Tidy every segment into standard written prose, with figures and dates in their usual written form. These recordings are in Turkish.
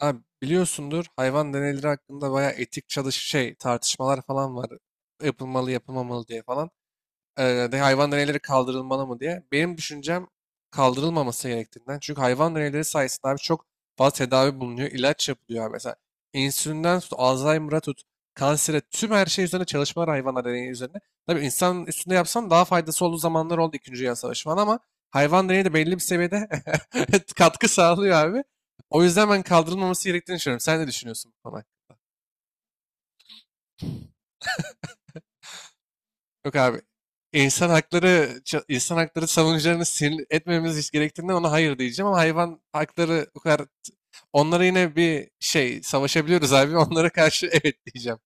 Abi biliyorsundur hayvan deneyleri hakkında bayağı etik çalış şey tartışmalar falan var. Yapılmalı yapılmamalı diye falan de hayvan deneyleri kaldırılmalı mı diye. Benim düşüncem kaldırılmaması gerektiğinden. Çünkü hayvan deneyleri sayesinde abi çok fazla tedavi bulunuyor. İlaç yapılıyor abi. Mesela insülinden tut, Alzheimer'a tut, kansere tüm her şey üzerine çalışmalar hayvanlar deneyi üzerine. Tabii insan üstünde yapsam daha faydası olduğu zamanlar oldu 2. Dünya Savaşı falan ama hayvan deneyi de belli bir seviyede katkı sağlıyor abi. O yüzden ben kaldırılmaması gerektiğini düşünüyorum. Sen ne düşünüyorsun bu konu? Yok abi. İnsan hakları insan hakları savunucularını sinir etmememiz hiç gerektiğinden ona hayır diyeceğim ama hayvan hakları o kadar onlara yine bir şey savaşabiliyoruz abi onlara karşı evet diyeceğim.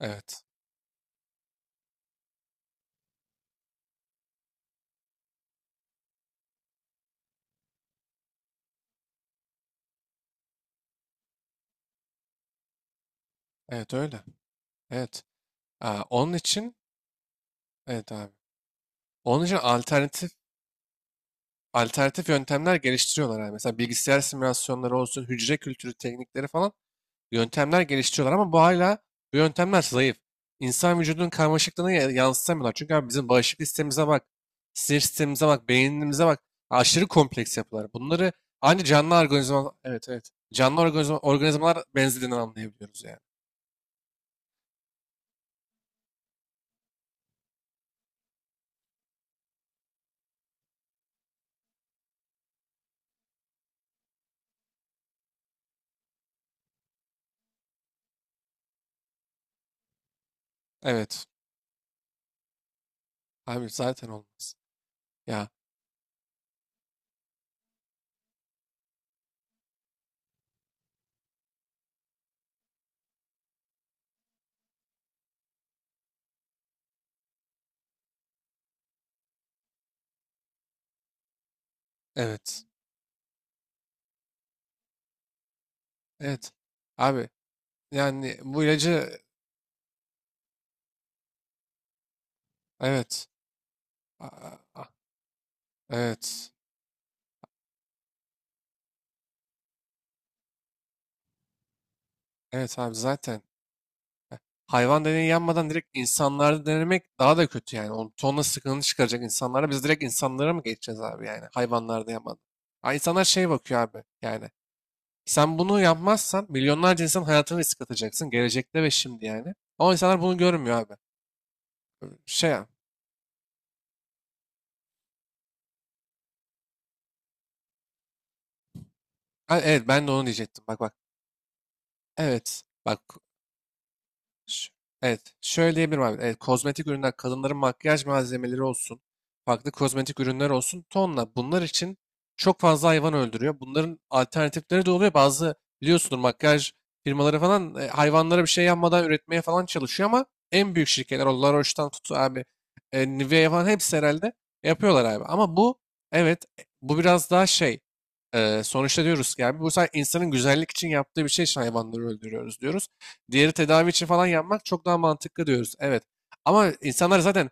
Evet. Evet öyle. Evet. Aa, onun için evet abi. Onun için alternatif yöntemler geliştiriyorlar abi. Mesela bilgisayar simülasyonları olsun, hücre kültürü teknikleri falan yöntemler geliştiriyorlar ama bu hala bu yöntemler zayıf. İnsan vücudunun karmaşıklığını yansıtamıyorlar. Çünkü abi bizim bağışıklık sistemimize bak, sinir sistemimize bak, beynimize bak. Aşırı kompleks yapılar. Bunları ancak canlı organizma, evet evet. Canlı organizma, organizmalar benzediğini anlayabiliyoruz yani. Evet. Abi zaten olmaz. Ya evet. Evet. Abi yani bu ilacı evet. A- a- a- Evet. Evet abi zaten. Hayvan deneyi yanmadan direkt insanlarda denemek daha da kötü yani. On tonla sıkıntı çıkaracak insanlara. Biz direkt insanlara mı geçeceğiz abi yani? Hayvanlarda yapmadan. Ha, insanlar şey bakıyor abi yani. Sen bunu yapmazsan milyonlarca insan hayatını risk atacaksın. Gelecekte ve şimdi yani. Ama insanlar bunu görmüyor abi. Şey ya. Ha, evet ben de onu diyecektim. Bak bak. Evet. Bak. Ş- Evet, şöyle diyebilirim abi. Evet, kozmetik ürünler, kadınların makyaj malzemeleri olsun, farklı kozmetik ürünler olsun, tonla. Bunlar için çok fazla hayvan öldürüyor. Bunların alternatifleri de oluyor. Bazı biliyorsunuz makyaj firmaları falan hayvanlara bir şey yapmadan üretmeye falan çalışıyor ama en büyük şirketler, o La Roche'tan tut abi, Nivea falan hepsi herhalde yapıyorlar abi. Ama bu, evet, bu biraz daha şey, sonuçta diyoruz ki abi, bu sadece insanın güzellik için yaptığı bir şey için hayvanları öldürüyoruz diyoruz. Diğeri tedavi için falan yapmak çok daha mantıklı diyoruz. Evet. Ama insanlar zaten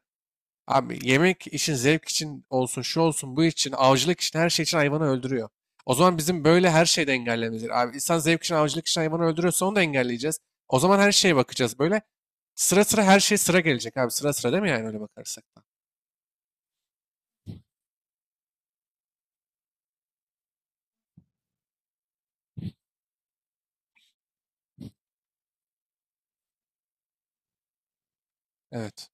abi yemek için, zevk için olsun, şu olsun, bu için, avcılık için, her şey için hayvanı öldürüyor. O zaman bizim böyle her şeyi de engellememiz gerekiyor. Abi insan zevk için, avcılık için hayvanı öldürüyorsa onu da engelleyeceğiz. O zaman her şeye bakacağız. Böyle sıra sıra her şey sıra gelecek abi. Sıra sıra değil mi yani öyle bakarsak da? Evet.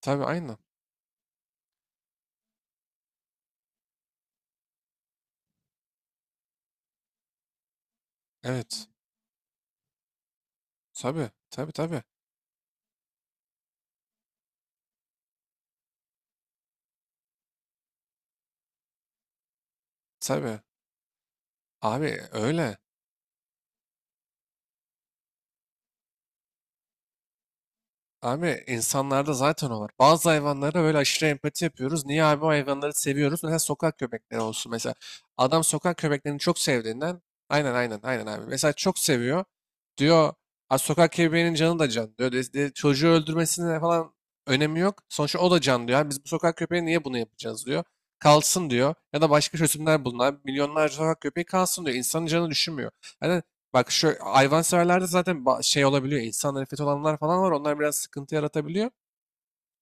Tabii aynen. Evet. Tabii. Tabii tabii. Tabii. Abi öyle. Abi insanlarda zaten o var. Bazı hayvanlara böyle aşırı empati yapıyoruz. Niye abi o hayvanları seviyoruz? Mesela sokak köpekleri olsun mesela. Adam sokak köpeklerini çok sevdiğinden aynen aynen aynen abi. Mesela çok seviyor. Diyor "Aa, sokak köpeğinin canı da can diyor. Çocuğu öldürmesine falan önemi yok. Sonuçta o da can diyor. "Abi biz bu sokak köpeği niye bunu yapacağız diyor. Kalsın diyor. Ya da başka çözümler bulun. Milyonlarca sokak köpeği kalsın diyor. İnsanın canı düşünmüyor. Yani bak şu hayvanseverlerde zaten olabiliyor. İnsan nefreti olanlar falan var. Onlar biraz sıkıntı yaratabiliyor.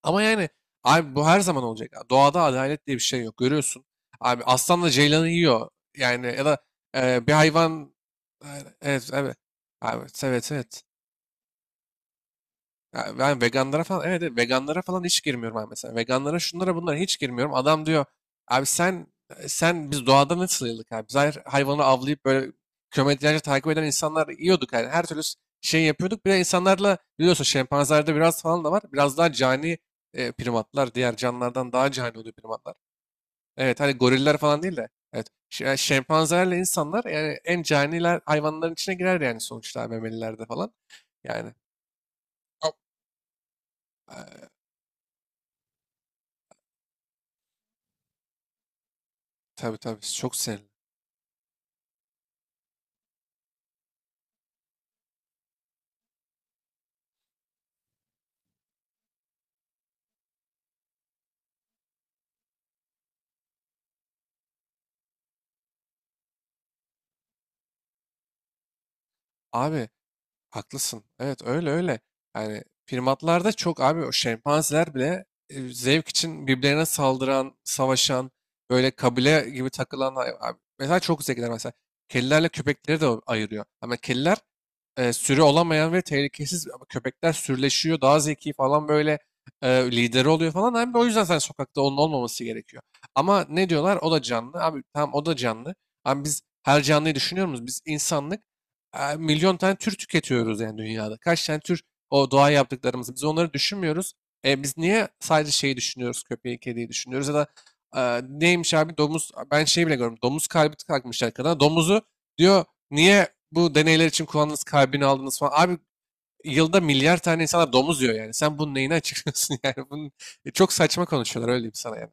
Ama yani abi bu her zaman olacak. Doğada adalet diye bir şey yok. Görüyorsun. Abi aslanla ceylanı yiyor. Yani ya da bir hayvan. Evet, evet. Evet, abi, evet, evet. Ya ben veganlara falan evet, evet veganlara falan hiç girmiyorum abi mesela. Veganlara şunlara bunlara hiç girmiyorum. Adam diyor abi sen biz doğada nasıl yıldık abi? Biz her hayvanı avlayıp böyle kilometrelerce takip eden insanlar yiyorduk yani. Her türlü şey yapıyorduk. Bir de insanlarla biliyorsun şempanzelerde biraz falan da var. Biraz daha cani primatlar. Diğer canlılardan daha cani oluyor primatlar. Evet hani goriller falan değil de. Evet. Yani şempanzelerle insanlar yani en caniler hayvanların içine girer yani sonuçta memelilerde falan. Yani. Tabii tabii çok sinirli. Abi haklısın. Evet öyle öyle. Yani primatlarda çok abi o şempanzeler bile zevk için birbirlerine saldıran, savaşan, böyle kabile gibi takılan abi. Mesela çok zekiler mesela. Kedilerle köpekleri de ayırıyor. Ama kediler sürü olamayan ve tehlikesiz köpekler sürüleşiyor. Daha zeki falan böyle lideri oluyor falan. Abi o yüzden sen sokakta onun olmaması gerekiyor. Ama ne diyorlar? O da canlı. Abi tamam o da canlı. Abi biz her canlıyı düşünüyor muyuz? Biz insanlık milyon tane tür tüketiyoruz yani dünyada. Kaç tane tür o doğa yaptıklarımız. Biz onları düşünmüyoruz. Biz niye sadece şeyi düşünüyoruz? Köpeği, kediyi düşünüyoruz ya da neymiş abi domuz ben şey bile görmüyorum. Domuz kalbi takmışlar kadına. Domuzu diyor niye bu deneyler için kullandınız, kalbini aldınız falan. Abi yılda milyar tane insanlar domuz yiyor yani. Sen bunun neyini açıklıyorsun yani? Bunun, çok saçma konuşuyorlar öyle diyeyim sana yani.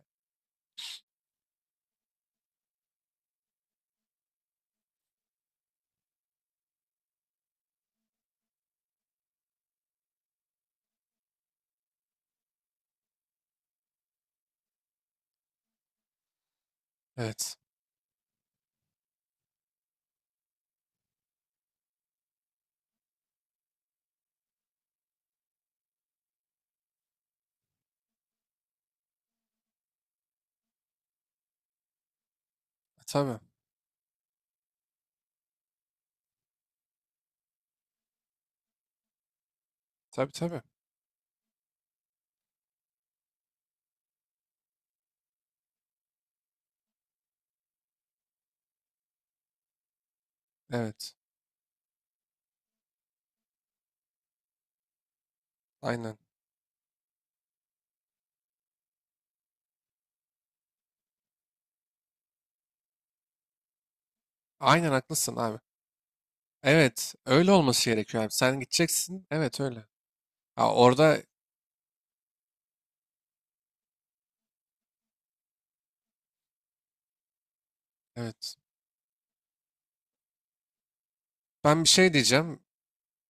Evet. Tabii. Tabii tabii. Evet. Aynen. Aynen haklısın abi. Evet. Öyle olması gerekiyor abi. Sen gideceksin. Evet öyle. Ha, orada evet. Ben bir şey diyeceğim.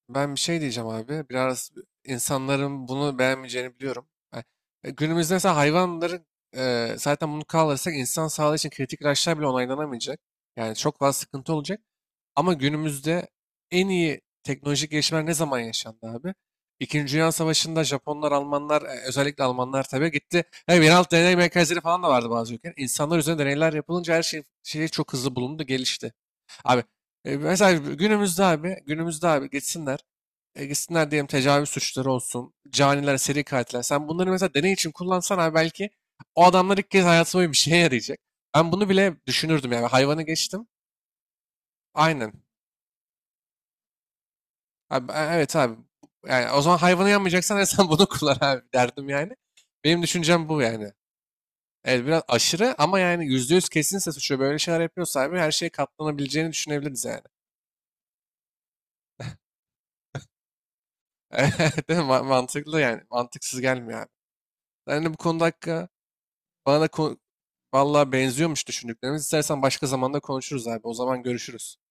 Ben bir şey diyeceğim abi. Biraz insanların bunu beğenmeyeceğini biliyorum. Ha, günümüzde mesela hayvanların zaten bunu kaldırırsak insan sağlığı için kritik ilaçlar bile onaylanamayacak. Yani çok fazla sıkıntı olacak. Ama günümüzde en iyi teknolojik gelişmeler ne zaman yaşandı abi? İkinci Dünya Savaşı'nda Japonlar, Almanlar, özellikle Almanlar tabii gitti. Yani yeraltı deney merkezleri falan da vardı bazı ülkeler. İnsanlar üzerine deneyler yapılınca her şey çok hızlı bulundu, gelişti. Abi mesela günümüzde abi, günümüzde abi gitsinler. E, gitsinler diyelim tecavüz suçları olsun, caniler, seri katiller. Sen bunları mesela deney için kullansan abi belki o adamlar ilk kez hayatıma bir şeye yarayacak. Ben bunu bile düşünürdüm yani. Hayvanı geçtim. Aynen. Abi, evet abi. Yani o zaman hayvanı yanmayacaksan sen bunu kullan abi derdim yani. Benim düşüncem bu yani. Evet biraz aşırı ama yani yüzde yüz kesinse suçu böyle şeyler yapıyorsa abi her şeye katlanabileceğini düşünebiliriz yani. Değil mi? Mantıklı yani. Mantıksız gelmiyor abi. Yani bu konuda hakkı bana da Vallahi benziyormuş düşündüklerimiz. İstersen başka zamanda konuşuruz abi. O zaman görüşürüz.